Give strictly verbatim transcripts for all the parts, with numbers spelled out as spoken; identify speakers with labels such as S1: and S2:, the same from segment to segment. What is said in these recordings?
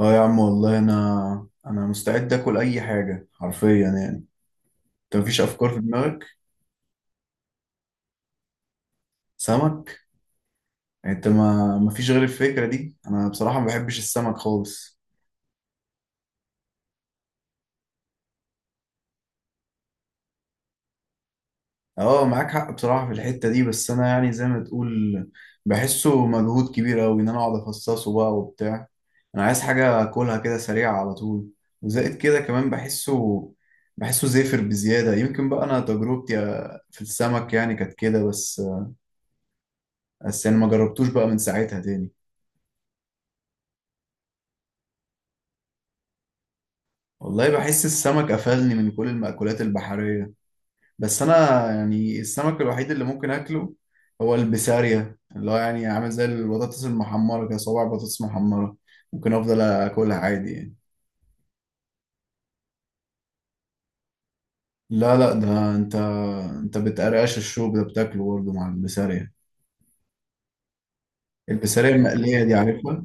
S1: اه يا عم، والله انا انا مستعد اكل اي حاجه حرفيا يعني. انت مفيش افكار في دماغك؟ سمك؟ يعني انت ما مفيش غير الفكره دي؟ انا بصراحه ما بحبش السمك خالص. اه، معاك حق بصراحه في الحته دي، بس انا يعني زي ما تقول بحسه مجهود كبير قوي ان انا اقعد افصصه بقى وبتاع. انا عايز حاجه اكلها كده سريعه على طول. وزائد كده كمان بحسه بحسه زافر بزياده، يمكن بقى انا تجربتي في السمك يعني كانت كده بس بس انا ما جربتوش بقى من ساعتها تاني. والله بحس السمك قفلني من كل المأكولات البحرية. بس أنا يعني السمك الوحيد اللي ممكن أكله هو البسارية، اللي هو يعني عامل زي البطاطس المحمرة كده، صوابع بطاطس محمرة ممكن أفضل أكلها عادي يعني. لا لا، ده أنت أنت بتقرقش الشوك ده بتاكله برضه مع البسارية. البسارية المقلية دي عارفها؟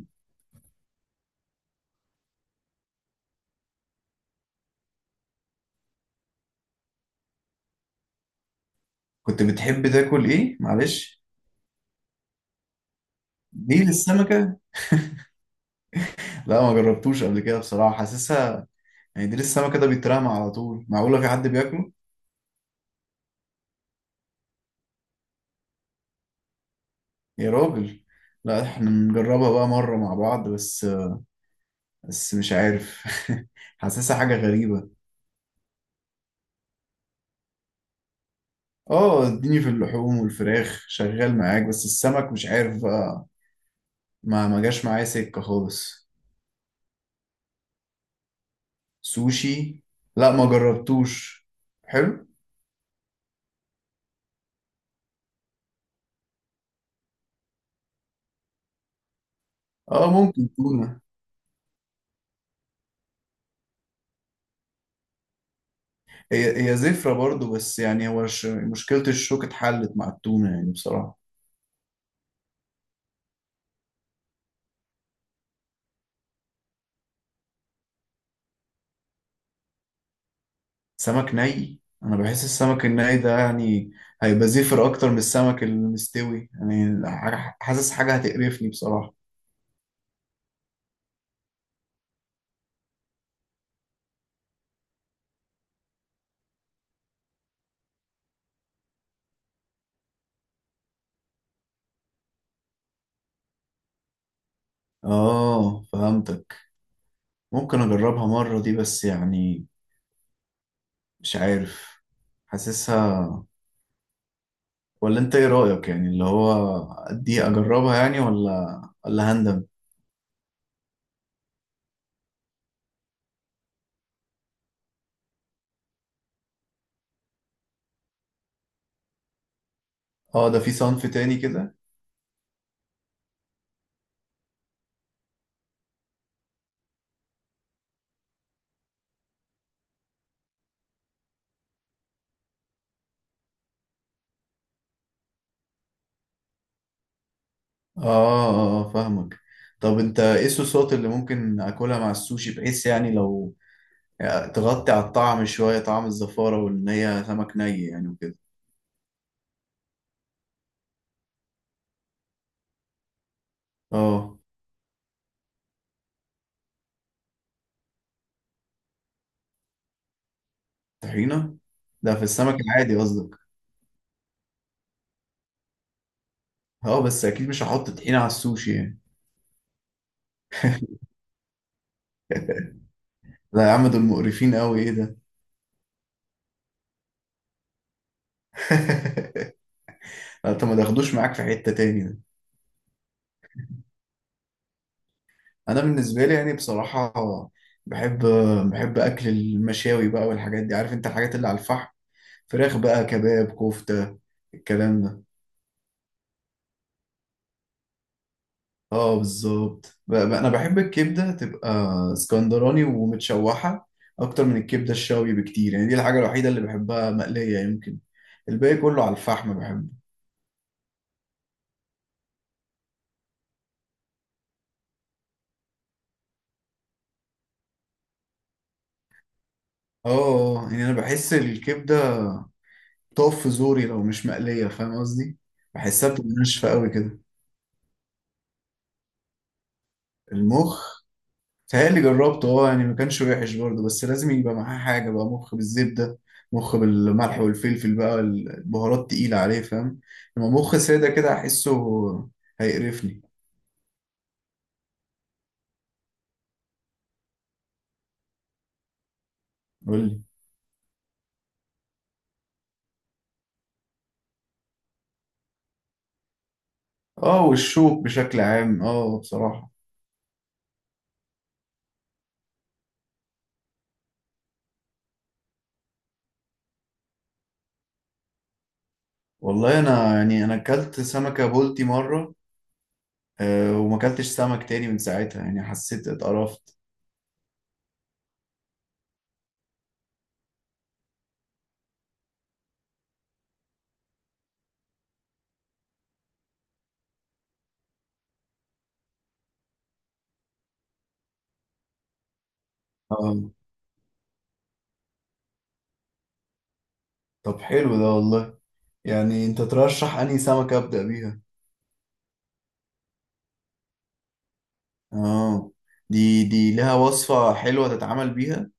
S1: كنت بتحب تاكل إيه، معلش؟ ديل السمكة؟ لا، ما جربتوش قبل كده بصراحة، حاسسها يعني ديل السمكة ده بيترمى على طول، معقولة في حد بياكله؟ يا راجل! لا، احنا نجربها بقى مرة مع بعض بس بس مش عارف. حاسسها حاجة غريبة. اه، اديني في اللحوم والفراخ شغال معاك، بس السمك مش عارف بقى. ما ما جاش معايا سكة خالص. سوشي؟ لا، ما جربتوش. حلو. اه، ممكن تونة. هي هي زفرة برضو، بس يعني هو ش- مشكلة الشوك اتحلت مع التونة يعني بصراحة. سمك ني، انا بحس السمك الني ده يعني هيبقى زفر اكتر من السمك المستوي يعني، ح- حاسس حاجة هتقرفني بصراحة. اه، فهمتك. ممكن اجربها مرة دي، بس يعني مش عارف، حاسسها. ولا انت ايه رأيك يعني، اللي هو دي اجربها يعني، ولا ولا هندم؟ اه، ده في صنف تاني كده. اه اه، آه، فاهمك. طب انت ايه الصوصات اللي ممكن اكلها مع السوشي، بحيث يعني لو يعني تغطي على الطعم شوية، طعم الزفارة، وإن هي سمك ني يعني وكده؟ اه، طحينة؟ ده في السمك العادي قصدك؟ اه، بس أكيد مش هحط طحينة على السوشي يعني. لا يا عم، دول مقرفين قوي، ايه ده! انت ما تاخدوش معاك في حتة تاني ده. انا بالنسبة لي يعني بصراحة بحب بحب اكل المشاوي بقى والحاجات دي، عارف انت الحاجات اللي على الفحم. فراخ بقى، كباب، كفتة، الكلام ده. اه بالظبط، ب- ب- انا بحب الكبده تبقى اسكندراني ومتشوحه، اكتر من الكبده الشاوي بكتير يعني، دي الحاجه الوحيده اللي بحبها مقليه يمكن. الباقي كله على الفحم بحبه. اه يعني انا بحس الكبده بتقف في زوري لو مش مقليه، فاهم قصدي؟ بحسها بتبقى ناشفه قوي كده. المخ؟ تهيألي جربته، اه يعني ما كانش وحش برضه، بس لازم يبقى معاه حاجة بقى، مخ بالزبدة، مخ بالملح والفلفل بقى، البهارات تقيلة عليه فاهم؟ لما مخ سادة كده أحسه هيقرفني. قول لي. اه، والشوك بشكل عام، اه، بصراحة. والله أنا يعني أنا أكلت سمكة بولتي مرة، آه وما أكلتش سمك تاني من ساعتها يعني، حسيت اتقرفت. اه، طب حلو ده والله، يعني أنت ترشح أنهي سمكة أبدأ بيها؟ اه، دي دي لها وصفة حلوة تتعامل بيها.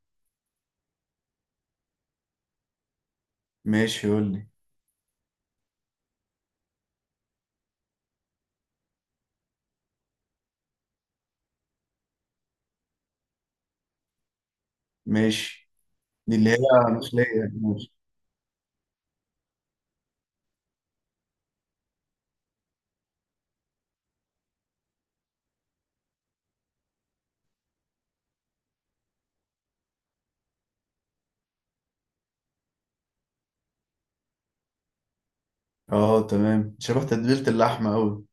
S1: ماشي قول لي. ماشي، دي اللي هي مخلية، ماشي. اه، تمام، شبه تتبيلة اللحمة أوي.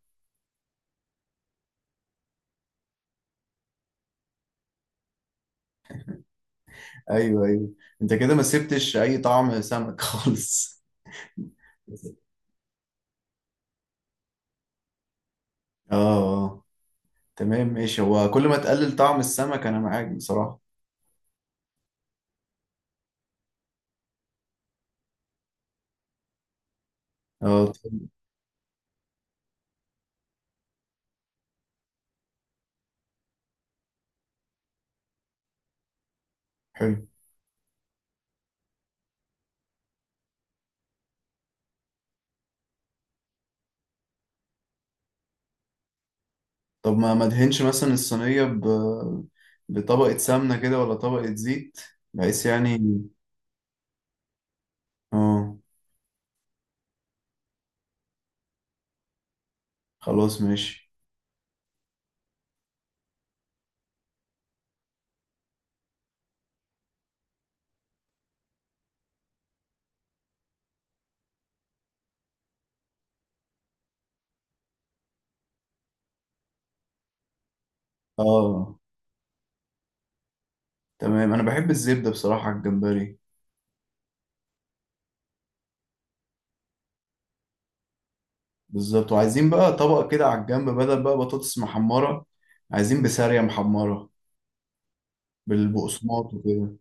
S1: أيوه أيوه. أنت كده ما سبتش أي طعم سمك خالص. اه اه، تمام ماشي، هو كل ما تقلل طعم السمك أنا معاك بصراحة. اه، طيب. حلو. طب ما ما ادهنش مثلا الصينية ب... بطبقة سمنة كده ولا طبقة زيت، بحيث يعني؟ اه، خلاص ماشي. اه، تمام، أنا بحب الزبدة بصراحة على الجمبري. بالظبط، وعايزين بقى طبق كده على الجنب، بدل بقى بطاطس محمرة، عايزين بسارية محمرة بالبقسماط وكده.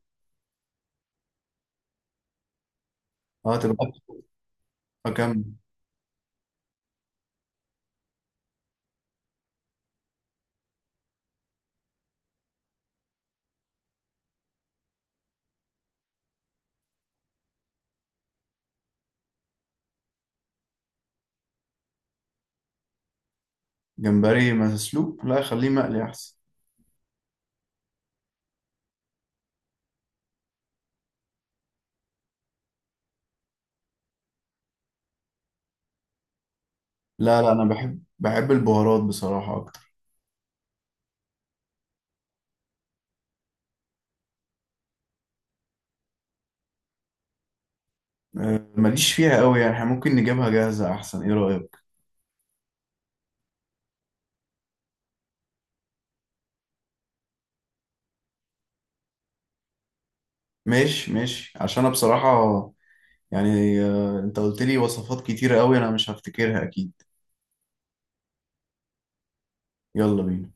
S1: اه، تبقى أكلة كاملة. جمبري مسلوق؟ لا، خليه مقلي أحسن. لا لا، أنا بحب بحب البهارات بصراحة أكتر. آه، ماليش فيها قوي يعني، احنا ممكن نجيبها جاهزة أحسن، إيه رأيك؟ ماشي ماشي، عشان أنا بصراحة يعني آه، أنت قلت لي وصفات كتيرة قوي، أنا مش هفتكرها أكيد. يلا بينا.